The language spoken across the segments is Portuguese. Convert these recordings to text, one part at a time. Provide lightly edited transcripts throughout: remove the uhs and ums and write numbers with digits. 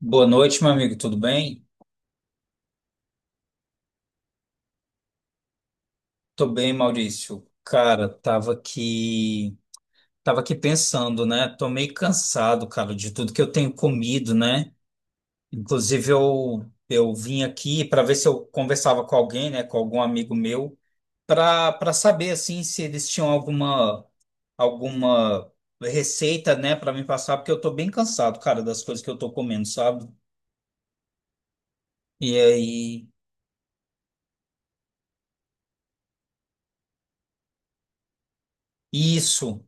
Boa noite, meu amigo, tudo bem? Tô bem, Maurício. Cara, tava aqui pensando, né? Tô meio cansado, cara, de tudo que eu tenho comido, né? Inclusive eu vim aqui para ver se eu conversava com alguém, né, com algum amigo meu, para saber assim se eles tinham alguma receita, né, para me passar, porque eu tô bem cansado, cara, das coisas que eu tô comendo, sabe? E aí, isso,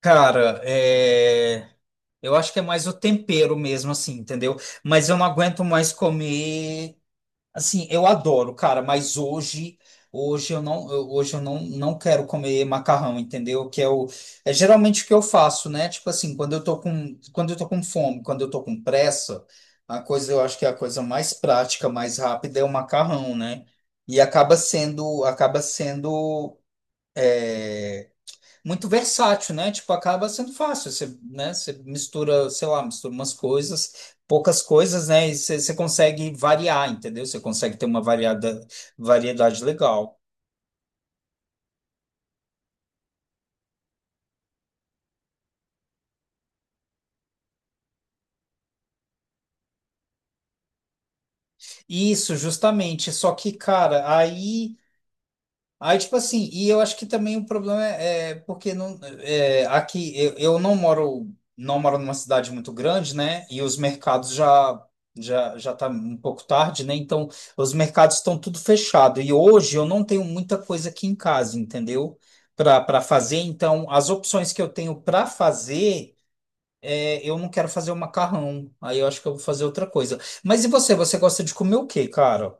cara, eu acho que é mais o tempero mesmo, assim, entendeu? Mas eu não aguento mais comer. Assim, eu adoro, cara, mas hoje eu não, não quero comer macarrão, entendeu? Que é geralmente o que eu faço, né? Tipo assim, quando eu tô com fome, quando eu tô com pressa, eu acho que é a coisa mais prática, mais rápida é o macarrão, né? E acaba sendo, é, muito versátil, né? Tipo, acaba sendo fácil. Você, né? Você mistura, sei lá, mistura umas coisas, poucas coisas, né? E você consegue variar, entendeu? Você consegue ter uma variedade legal. Isso, justamente. Só que, cara, aí, tipo assim, e eu acho que também o problema é porque não, aqui eu não moro numa cidade muito grande, né? E os mercados já tá um pouco tarde, né? Então, os mercados estão tudo fechado. E hoje eu não tenho muita coisa aqui em casa, entendeu? Para fazer, então, as opções que eu tenho para fazer, eu não quero fazer o macarrão. Aí eu acho que eu vou fazer outra coisa. Mas e você? Você gosta de comer o quê, cara?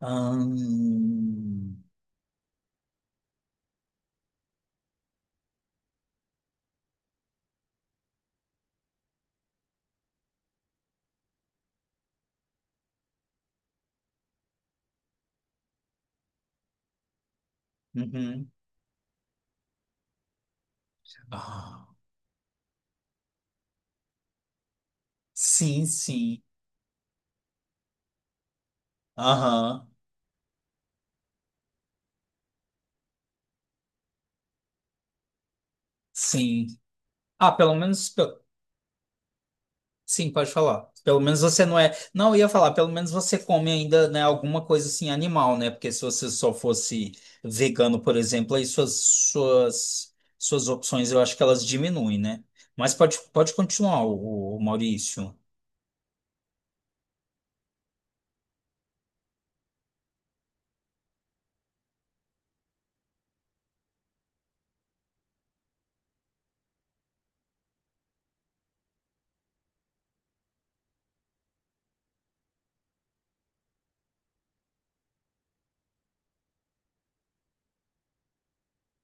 Ahn, uhum. Ah. Sim, sim. Aham. Sim. Ah, pelo menos. Sim, pode falar. Pelo menos você não é. Não, eu ia falar, pelo menos você come ainda, né, alguma coisa assim animal, né? Porque se você só fosse vegano, por exemplo, aí suas opções eu acho que elas diminuem, né? Mas pode continuar, o Maurício.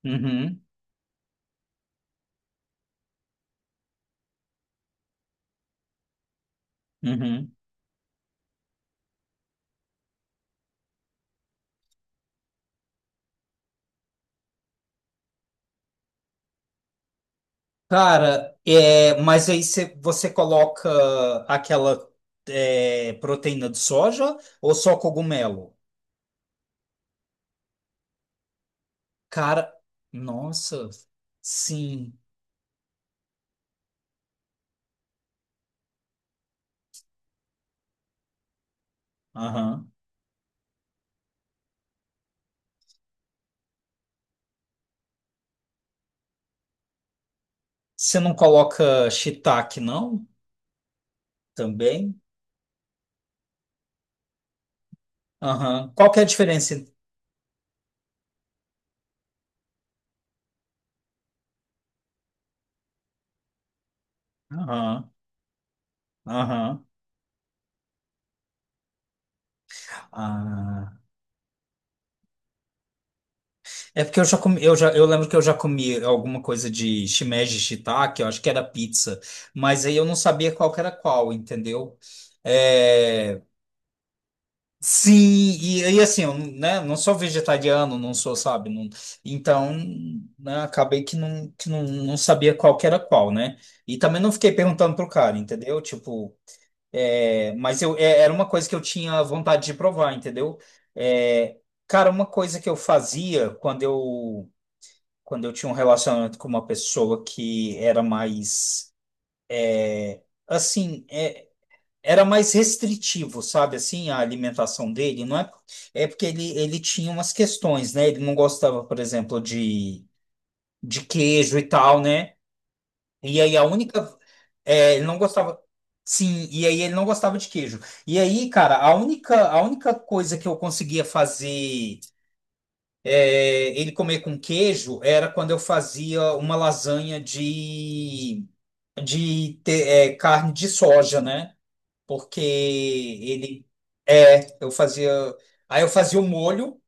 Uhum, uhum. Cara, mas aí você coloca aquela proteína de soja ou só cogumelo? Cara, nossa, sim. Aham. Você não coloca shiitake, não? Também? Aham. Qual que é a diferença? Aham. Aham. Ah. É porque eu já comi, eu lembro que eu já comi alguma coisa de shimeji shiitake, eu acho que era pizza, mas aí eu não sabia qual que era qual, entendeu? É... Sim, e, aí assim, eu, né, não sou vegetariano, não sou, sabe? Então, né, acabei que não, não sabia qual que era qual, né? E também não fiquei perguntando pro cara, entendeu? Tipo, mas eu, era uma coisa que eu tinha vontade de provar, entendeu? É, cara, uma coisa que eu fazia quando eu tinha um relacionamento com uma pessoa que era mais, assim, era mais restritivo, sabe, assim, a alimentação dele, não é? É porque ele tinha umas questões, né? Ele não gostava, por exemplo, de queijo e tal, né? E aí ele não gostava, sim, e aí ele não gostava de queijo. E aí, cara, a única coisa que eu conseguia fazer ele comer com queijo era quando eu fazia uma lasanha de carne de soja, né? Porque ele eu fazia, aí eu fazia o molho,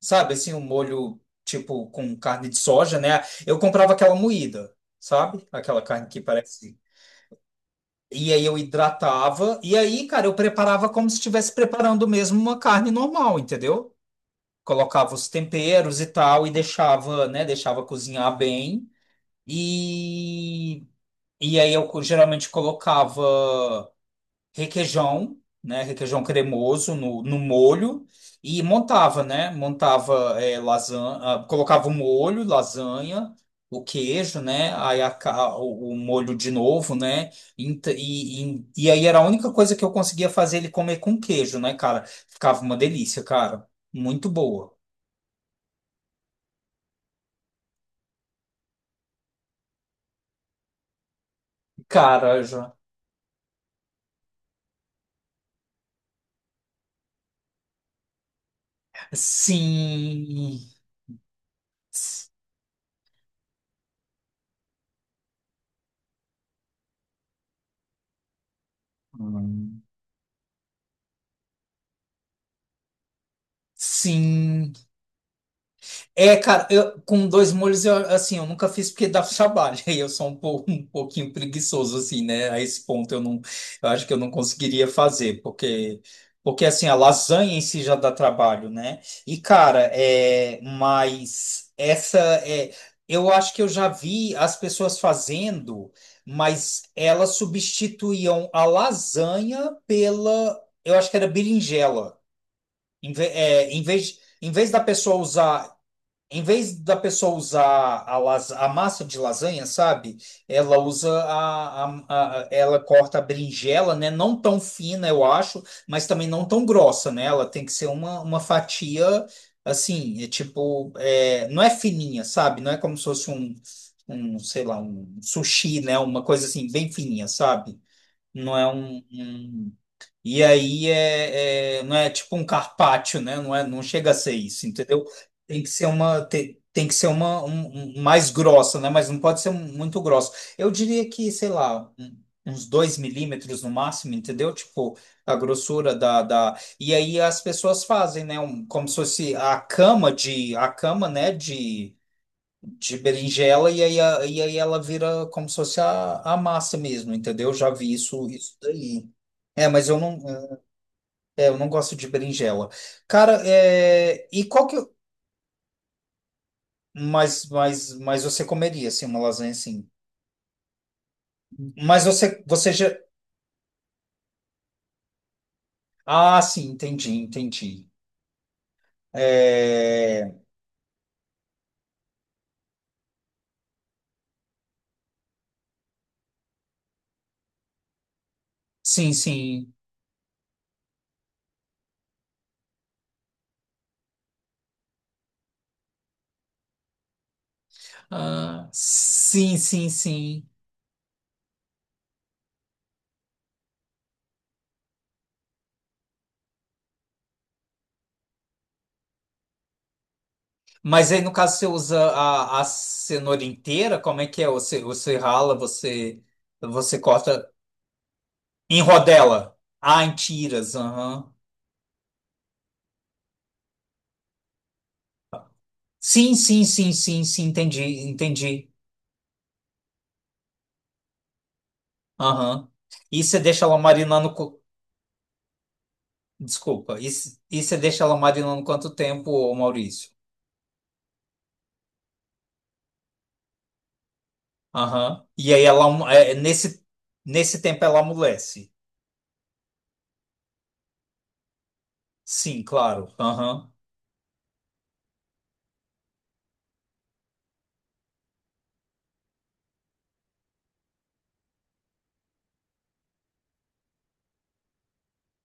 sabe, assim, um molho tipo com carne de soja, né? Eu comprava aquela moída, sabe? Aquela carne que parece. E aí eu hidratava e aí, cara, eu preparava como se estivesse preparando mesmo uma carne normal, entendeu? Colocava os temperos e tal e deixava, né, deixava cozinhar bem. E e aí eu geralmente colocava requeijão, né? Requeijão cremoso no molho e montava, né? Montava lasanha, colocava o molho, lasanha, o queijo, né? Aí o molho de novo, né? E aí era a única coisa que eu conseguia fazer ele comer com queijo, né, cara? Ficava uma delícia, cara. Muito boa. Cara, já. Sim. Sim. É, cara, eu, com dois molhos, eu, assim, eu nunca fiz porque dá trabalho. E eu sou um pouco, um pouquinho preguiçoso, assim, né? A esse ponto eu não, eu acho que eu não conseguiria fazer, porque, assim, a lasanha em si já dá trabalho, né? E, cara, mas essa é, eu acho que eu já vi as pessoas fazendo, mas elas substituíam a lasanha pela, eu acho que era berinjela. Em vez da pessoa usar a massa de lasanha, sabe? Ela usa ela corta a berinjela, né? Não tão fina, eu acho, mas também não tão grossa, né? Ela tem que ser uma fatia assim, é tipo, não é fininha, sabe? Não é como se fosse sei lá, um sushi, né? Uma coisa assim, bem fininha, sabe? Não é um, e aí não é tipo um carpaccio, né? Não é, não chega a ser isso, entendeu? Tem, que ser uma mais grossa, né? Mas não pode ser muito grossa. Eu diria que, sei lá, uns 2 mm no máximo, entendeu? Tipo a grossura da. E aí as pessoas fazem, né? Como se fosse a cama de a cama, né? De berinjela e aí ela vira como se fosse a massa mesmo, entendeu? Já vi isso daí. É, mas eu não, eu não gosto de berinjela. Cara, e qual que. Mas você comeria, assim, uma lasanha assim. Mas você já. Ah, sim, entendi, entendi. É... Sim, sim. Ah, sim, sim, sim. Mas aí, no caso, você usa a cenoura inteira? Como é que é? Você rala, você corta em rodela. Ah, em tiras, aham. Sim, sim, sim, sim, sim, entendi, entendi. Aham. E você deixa ela marinando. Desculpa. E você deixa ela marinando quanto tempo, ô Maurício? Aham. E aí nesse tempo ela amolece. Sim, claro. Aham.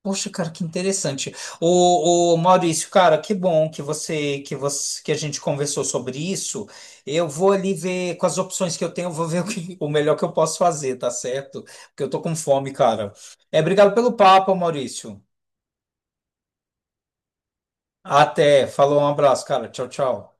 Poxa, cara, que interessante. Ô, Maurício, cara, que bom que a gente conversou sobre isso. Eu vou ali ver com as opções que eu tenho, eu vou ver o melhor que eu posso fazer, tá certo? Porque eu tô com fome, cara. É, obrigado pelo papo, Maurício. Até, falou, um abraço, cara. Tchau, tchau.